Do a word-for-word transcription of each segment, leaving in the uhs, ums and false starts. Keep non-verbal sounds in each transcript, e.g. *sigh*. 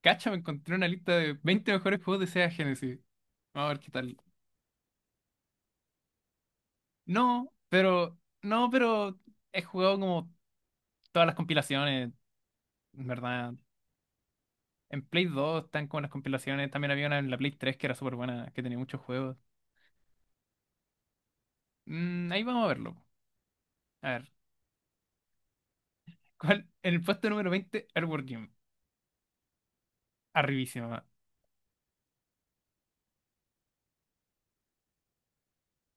Cacha, me encontré una lista de veinte mejores juegos de Sega Genesis. Vamos a ver qué tal. No, pero. No, pero. He jugado como todas las compilaciones, en ¿verdad? En Play dos están como las compilaciones. También había una en la Play tres que era súper buena, que tenía muchos juegos. Mm, ahí vamos a verlo. A ver. ¿Cuál? *laughs* En el puesto número veinte, Earthworm Jim. Arribísima.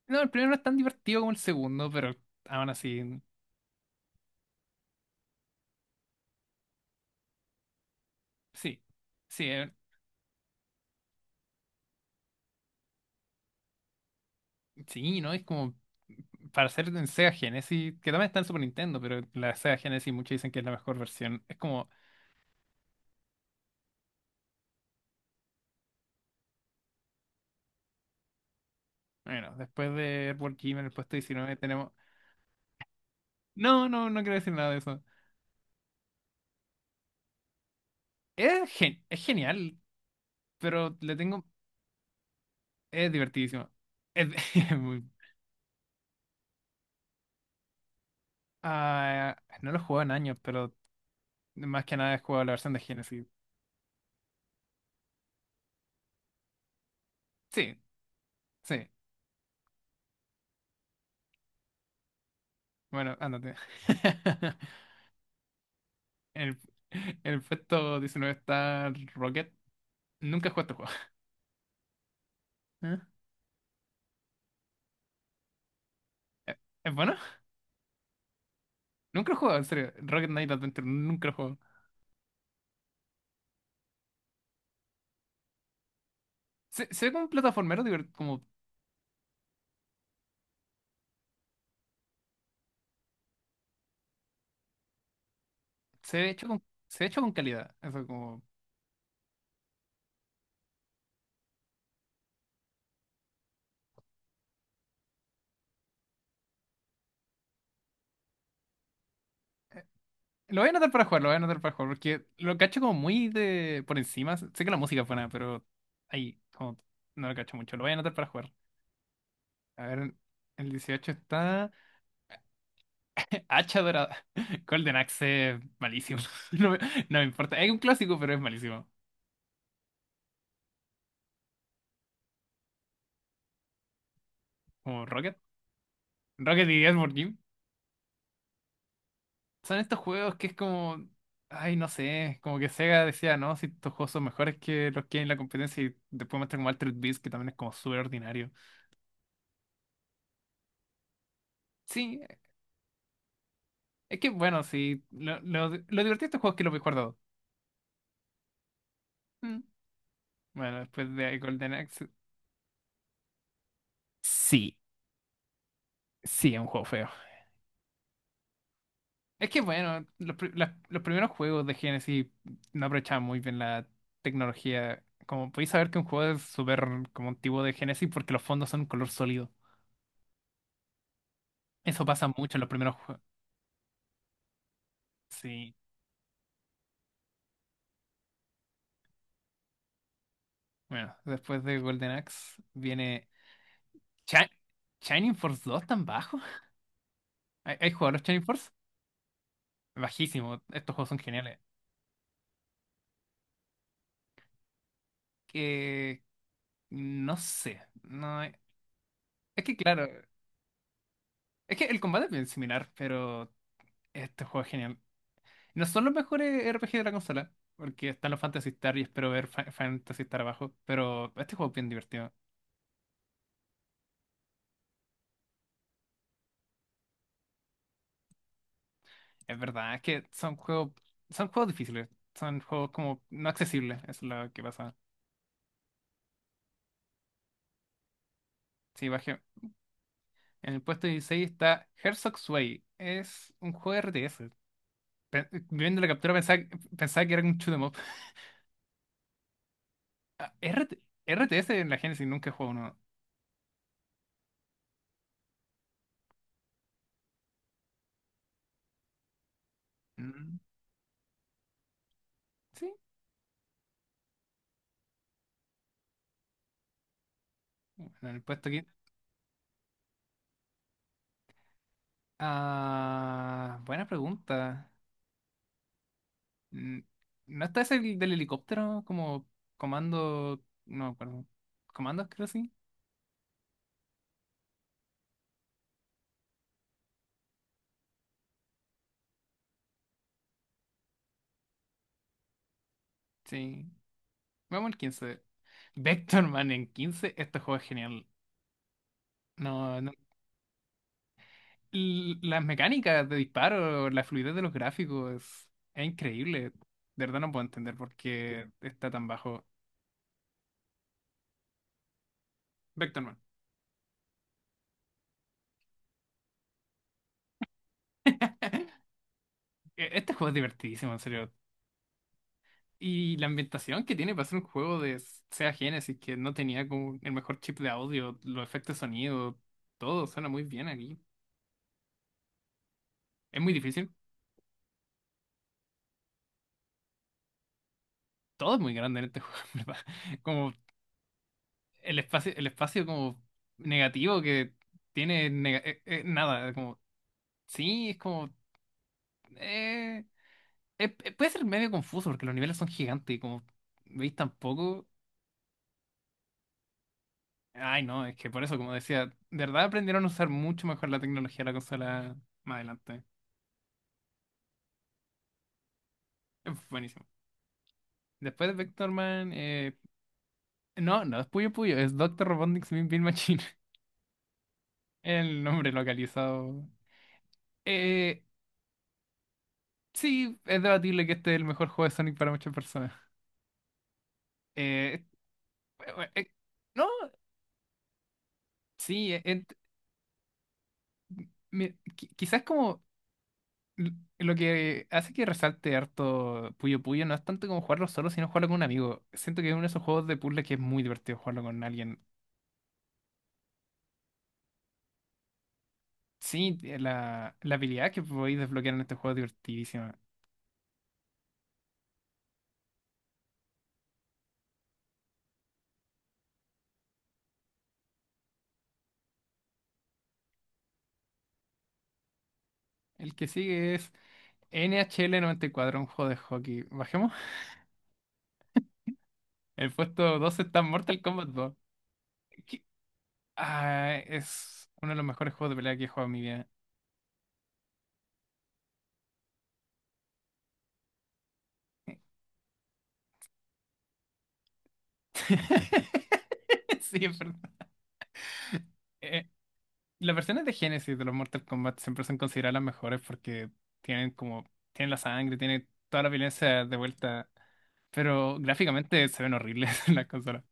No, el primero no es tan divertido como el segundo, pero aún así. Sí. Sí, eh, Sí, ¿no? Es como para hacer en Sega Genesis, que también está en Super Nintendo, pero la Sega Genesis muchos dicen que es la mejor versión. Es como, bueno, después de Earthworm Jim en el puesto diecinueve tenemos... No, no, no quiero decir nada de eso. Es, gen- es genial, pero le tengo... Es divertidísimo. Es, *laughs* es muy- Ah, no lo he jugado en años, pero más que nada he jugado la versión de Genesis. Sí, sí. Bueno, ándate. *laughs* En el, en el puesto diecinueve está Rocket. Nunca he jugado este juego. *laughs* ¿Es bueno? Nunca lo he jugado, en serio. Rocket Knight Adventure, nunca lo he jugado. Se, se ve como un plataformero divertido, como se ve hecho con, se ve hecho con calidad. Eso como. Lo voy a anotar para jugar, lo voy a anotar para jugar, porque lo cacho como muy de por encima. Sé que la música es buena, pero ahí como no lo cacho mucho. Lo voy a anotar para jugar. A ver, el dieciocho está. Hacha dorada. *laughs* Golden Axe, malísimo. *laughs* No me, no me importa. Es un clásico, pero es malísimo. Como Rocket. Rocket y Edward. Son estos juegos que es como, ay, no sé, como que Sega decía, no, si estos juegos son mejores que los que hay en la competencia y después muestran como Altered Beast, que también es como súper ordinario. Sí, es que bueno, sí, lo, lo, lo divertido de estos juegos es que los he guardado. Mm. Bueno, después de Golden Axe, sí, sí, es un juego feo. Es que bueno, los, pri- las- los primeros juegos de Genesis no aprovechaban muy bien la tecnología. Como podéis saber que un juego es súper como antiguo de Genesis porque los fondos son color sólido. Eso pasa mucho en los primeros juegos. Sí. Bueno, después de Golden Axe viene Shi- Shining Force dos tan bajo. ¿Hay, hay jugado a los Shining Force? Bajísimo, estos juegos son geniales. Que no sé, no es que claro, es que el combate es bien similar, pero este juego es genial. No son los mejores R P G de la consola, porque están los Fantasy Star y espero ver Fa- Fantasy Star abajo, pero este juego es bien divertido. Es verdad, es que son juegos, son juegos difíciles, son juegos como no accesibles, es lo que pasa. Sí. En el puesto dieciséis está Herzog's Way. Es un juego R T S. Pe- eh, Viendo la captura pensaba, pensaba, que era un shoot 'em up. Ah, R T R T S en la Genesis nunca he jugado uno. Mm, Sí. Bueno, en el puesto quince. Ah, buena pregunta. Mm, ¿No está ese del helicóptero como comando? No me acuerdo. ¿Comandos creo sí? Sí. Vamos al quince. Vectorman en quince. Este juego es genial. No, no l- las mecánicas de disparo, la fluidez de los gráficos, es, es increíble. De verdad no puedo entender por qué está tan bajo. Vectorman. *laughs* E- Este juego es divertidísimo, en serio. Y la ambientación que tiene para ser un juego de Sega Genesis, que no tenía como el mejor chip de audio, los efectos de sonido, todo suena muy bien aquí. Es muy difícil. Todo es muy grande en este juego, *laughs* en ¿verdad? Como el espacio, el espacio como negativo que tiene nega- eh, eh, nada. Como, sí, es como. eh, Eh, eh, puede ser medio confuso porque los niveles son gigantes y como veis tampoco. Ay, no, es que por eso, como decía, de verdad aprendieron a usar mucho mejor la tecnología de la consola más adelante. Es buenísimo. Después de Vectorman, eh... no, no es Puyo Puyo, es Doctor Robotnik's Mean Bean Machine. *laughs* El nombre localizado. Eh, sí, es debatible que este es el mejor juego de Sonic para muchas personas. Eh, eh, eh, no, sí, eh, ent- mi- qui- quizás como. l- Lo que hace que resalte harto Puyo Puyo no es tanto como jugarlo solo, sino jugarlo con un amigo. Siento que es uno de esos juegos de puzzle que es muy divertido jugarlo con alguien. Sí, eh, la, la habilidad que podéis desbloquear en este juego es divertidísima. El que sigue es N H N H L noventa y cuatro, un juego de hockey. Bajemos. *laughs* El puesto doce está Mortal Kombat dos. que- ah, es uno de los mejores juegos de pelea que he jugado en mi vida. *laughs* Sí, es verdad. Las versiones de Genesis de los Mortal Kombat siempre son consideradas las mejores porque tienen como, tienen la sangre, tienen toda la violencia de vuelta, pero gráficamente se ven horribles *laughs* en las consolas.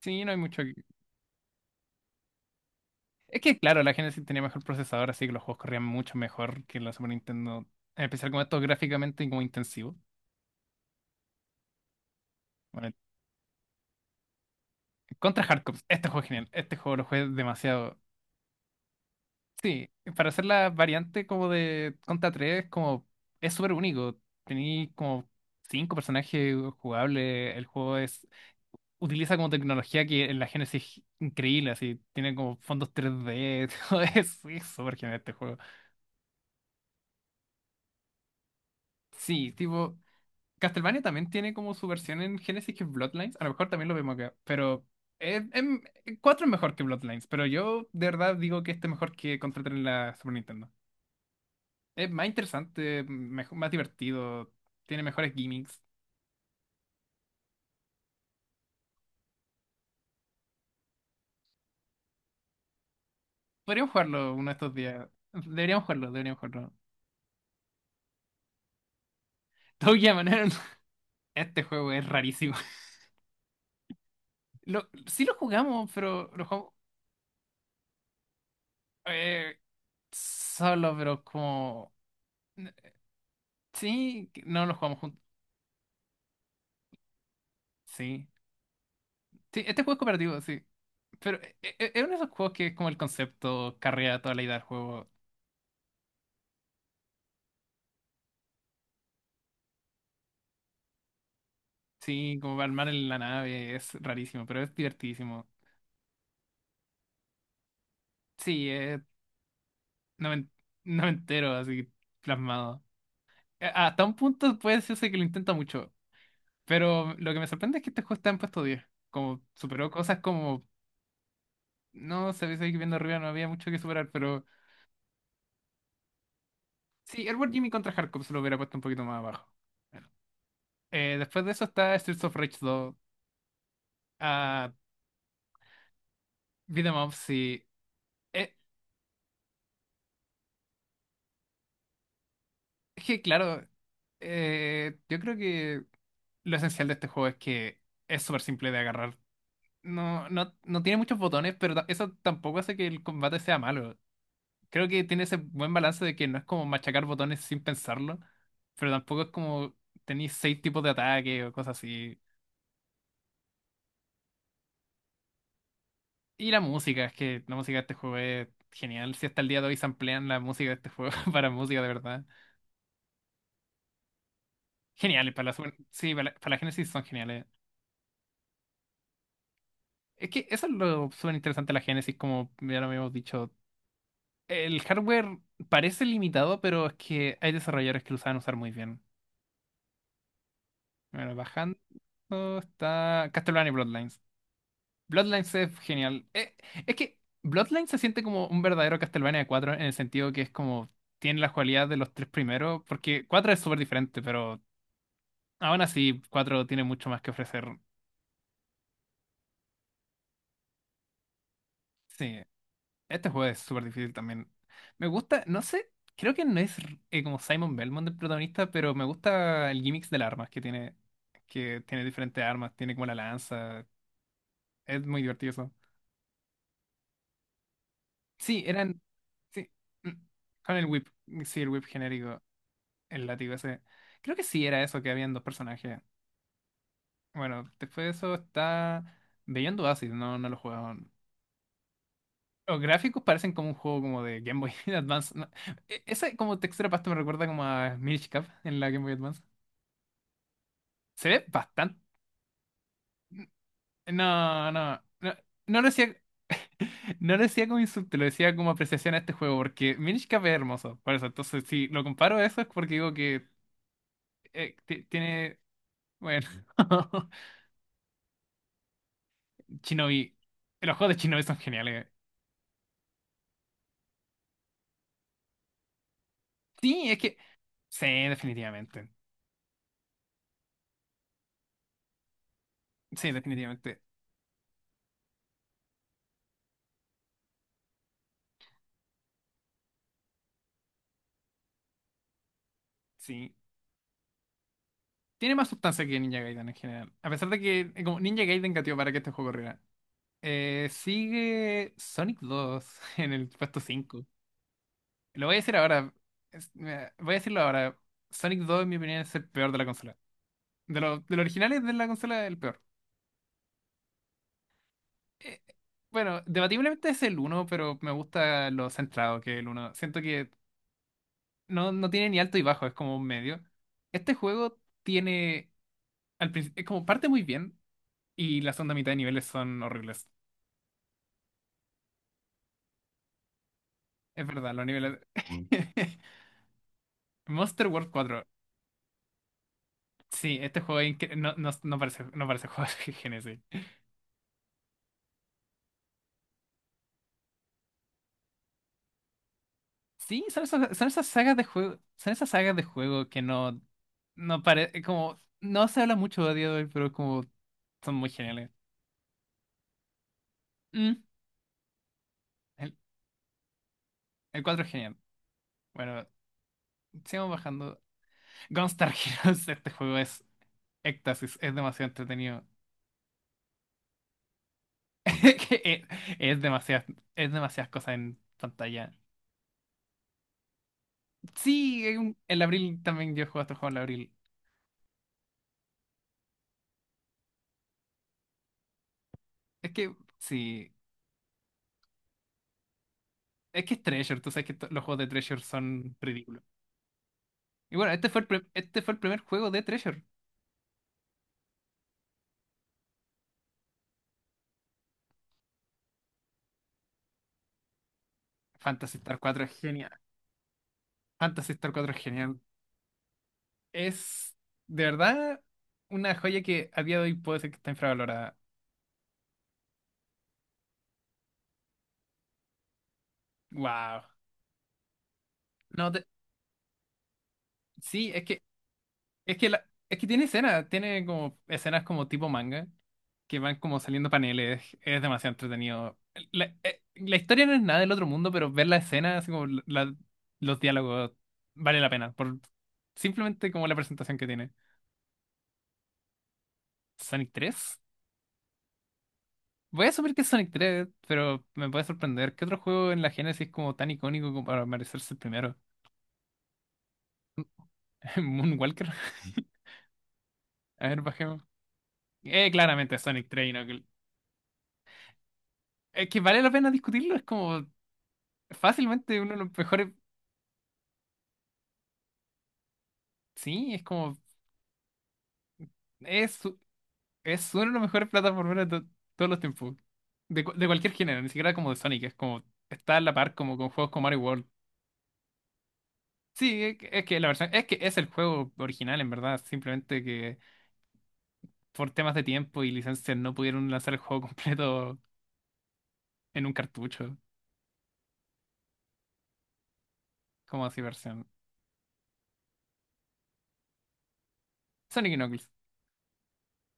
Sí, no hay mucho. que- Es que claro, la Genesis tenía mejor procesador, así que los juegos corrían mucho mejor que la Super Nintendo, en especial como esto gráficamente y como intensivo. Bueno, Contra Hardcore, este juego es genial, este juego lo jugué demasiado. Sí, para hacer la variante como de Contra tres como es súper único. Tení como cinco personajes jugables. El juego es utiliza como tecnología que en la Genesis es increíble, así tiene como fondos tres D, *laughs* todo eso, es súper genial este juego. Sí, tipo Castlevania también tiene como su versión en Genesis que es Bloodlines, a lo mejor también lo vemos acá, pero es, em- cuatro es mejor que Bloodlines, pero yo de verdad digo que este es mejor que Contra tres en la Super Nintendo. Es más interesante, mejo- más divertido, tiene mejores gimmicks. Podríamos jugarlo uno de estos días. Deberíamos jugarlo, deberíamos jugarlo. Toguya, Manero, *laughs* este juego es rarísimo. *laughs* Lo, sí lo jugamos, pero lo jugamos eh, solo, pero como... Sí, que- no lo jugamos juntos. Sí. Sí, este juego es cooperativo, sí. Pero e- e- es uno de esos juegos que es como el concepto carrea toda la idea del juego. Sí, como armar en la nave es rarísimo, pero es divertidísimo. Sí, es no no me no me entero así plasmado. Eh, Hasta un punto puede decirse que lo intenta mucho, pero lo que me sorprende es que este juego está en puesto diez. Como superó cosas como, no se seguir viendo arriba, no había mucho que superar, pero sí, Edward Jimmy Contra Hardcore se lo hubiera puesto un poquito más abajo. Bueno, eh, después de eso está Streets of Rage dos a Beat 'em Ups y... eh, es que claro, eh, yo creo que lo esencial de este juego es que es súper simple de agarrar. No, no, no tiene muchos botones, pero ta- eso tampoco hace que el combate sea malo. Creo que tiene ese buen balance de que no es como machacar botones sin pensarlo, pero tampoco es como tenéis seis tipos de ataque o cosas así. Y la música, es que la música de este juego es genial. Si hasta el día de hoy samplean la música de este juego *laughs* para música de verdad. Geniales, para la Super- sí, para la, para la Genesis son geniales. Es que eso es lo súper interesante de la Genesis, como ya lo habíamos dicho. El hardware parece limitado, pero es que hay desarrolladores que lo saben usar muy bien. Bueno, bajando está Castlevania y Bloodlines. Bloodlines es genial. Eh, es que Bloodlines se siente como un verdadero Castlevania cuatro en el sentido que es como tiene la cualidad de los tres primeros, porque cuatro es súper diferente, pero aún así cuatro tiene mucho más que ofrecer. Sí, este juego es súper difícil también. Me gusta, no sé, creo que no es eh, como Simon Belmont el protagonista, pero me gusta el gimmicks de las armas que tiene, que tiene diferentes armas, tiene como la lanza. Es muy divertido eso. Sí, eran. Sí. mm, Con el whip. Sí, el whip genérico. El látigo ese. Creo que sí era eso que habían dos personajes. Bueno, después de eso está. Beyond Oasis, no, no lo jugaban. Los gráficos parecen como un juego como de Game Boy *laughs* Advance. No. E- Esa como textura pasta me recuerda como a Minish Cap en la Game Boy Advance. Se ve bastante. No, no. No, no lo decía. *laughs* No lo decía como insulto, lo decía como apreciación a este juego, porque Minish Cap es hermoso. Por eso, entonces, si lo comparo a eso es porque digo que eh, ti- tiene, bueno, *laughs* Shinobi, los juegos de Shinobi son geniales. Sí, es que, sí, definitivamente. Sí, definitivamente. Sí. Tiene más sustancia que Ninja Gaiden en general. A pesar de que eh, como Ninja Gaiden gateó para que este juego corriera. Eh, sigue Sonic dos *laughs* en el puesto cinco. Lo voy a decir ahora. Es- mira, voy a decirlo ahora. Sonic dos, en mi opinión, es el peor de la consola. De, los de los originales de la consola, el peor. eh, bueno, debatiblemente es el uno, pero me gusta lo centrado que es el uno. Siento que no, no tiene ni alto y bajo, es como un medio. Este juego tiene, al principio, como parte muy bien y la segunda mitad de niveles son horribles. Es verdad, los niveles... Mm. *laughs* Monster World cuatro. Sí, este juego es incre- no, no, no parece, no parece *laughs* juego de Genesis. Sí, son esas, son esas sagas de juego, son esas sagas de juego que no, no parece, como, no se habla mucho a día de hoy, pero como son muy geniales. Mm. El cuatro es genial. Bueno, sigamos bajando. Gunstar *laughs* Heroes, este juego es éxtasis, es demasiado entretenido. *laughs* Es, es demasiadas, es demasiadas, cosas en pantalla. Sí, hay un- el abril también yo he jugado este juego en el abril. Es que, sí, es que es Treasure, tú sabes que to- los juegos de Treasure son ridículos. Y bueno, este fue el, pre- este fue el primer juego de Treasure. Phantasy Star cuatro es genial. Phantasy Star cuatro es genial. Es, de verdad, una joya que a día de hoy puede ser que está infravalorada. Wow. No, sí, es que, es que, la- es que tiene escenas, tiene como escenas como tipo manga, que van como saliendo paneles, es demasiado entretenido. La, eh, la historia no es nada del otro mundo, pero ver la escena, así como la- la- los diálogos, vale la pena, por simplemente como la presentación que tiene. Sonic tres. Voy a asumir que es Sonic tres, pero me puede sorprender. ¿Qué otro juego en la Genesis como tan icónico como para merecerse el primero? *laughs* Moonwalker. *laughs* A ver, bajemos. Eh, claramente Sonic tres y no- Es que vale la pena discutirlo, es como. Fácilmente uno de los mejores. Sí, es como. Es, u- es uno de los mejores plataformeros de to- todos los tiempos. De, cu- de cualquier género, ni siquiera como de Sonic. Es como. Está a la par como con juegos como Mario World. Sí, es que es que la versión. Es que es el juego original, en verdad. Simplemente que por temas de tiempo y licencias no pudieron lanzar el juego *laughs* completo en un cartucho. Como así versión. Sonic y Knuckles.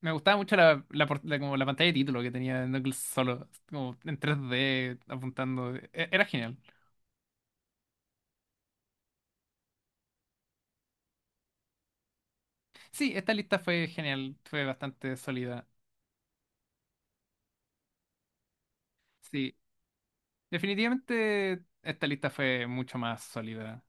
Me gustaba mucho la, la, por- la- como la pantalla de título que tenía Knuckles solo, como en tres D apuntando. E- Era genial. Sí, esta lista fue genial, fue bastante sólida. Sí, definitivamente esta lista fue mucho más sólida.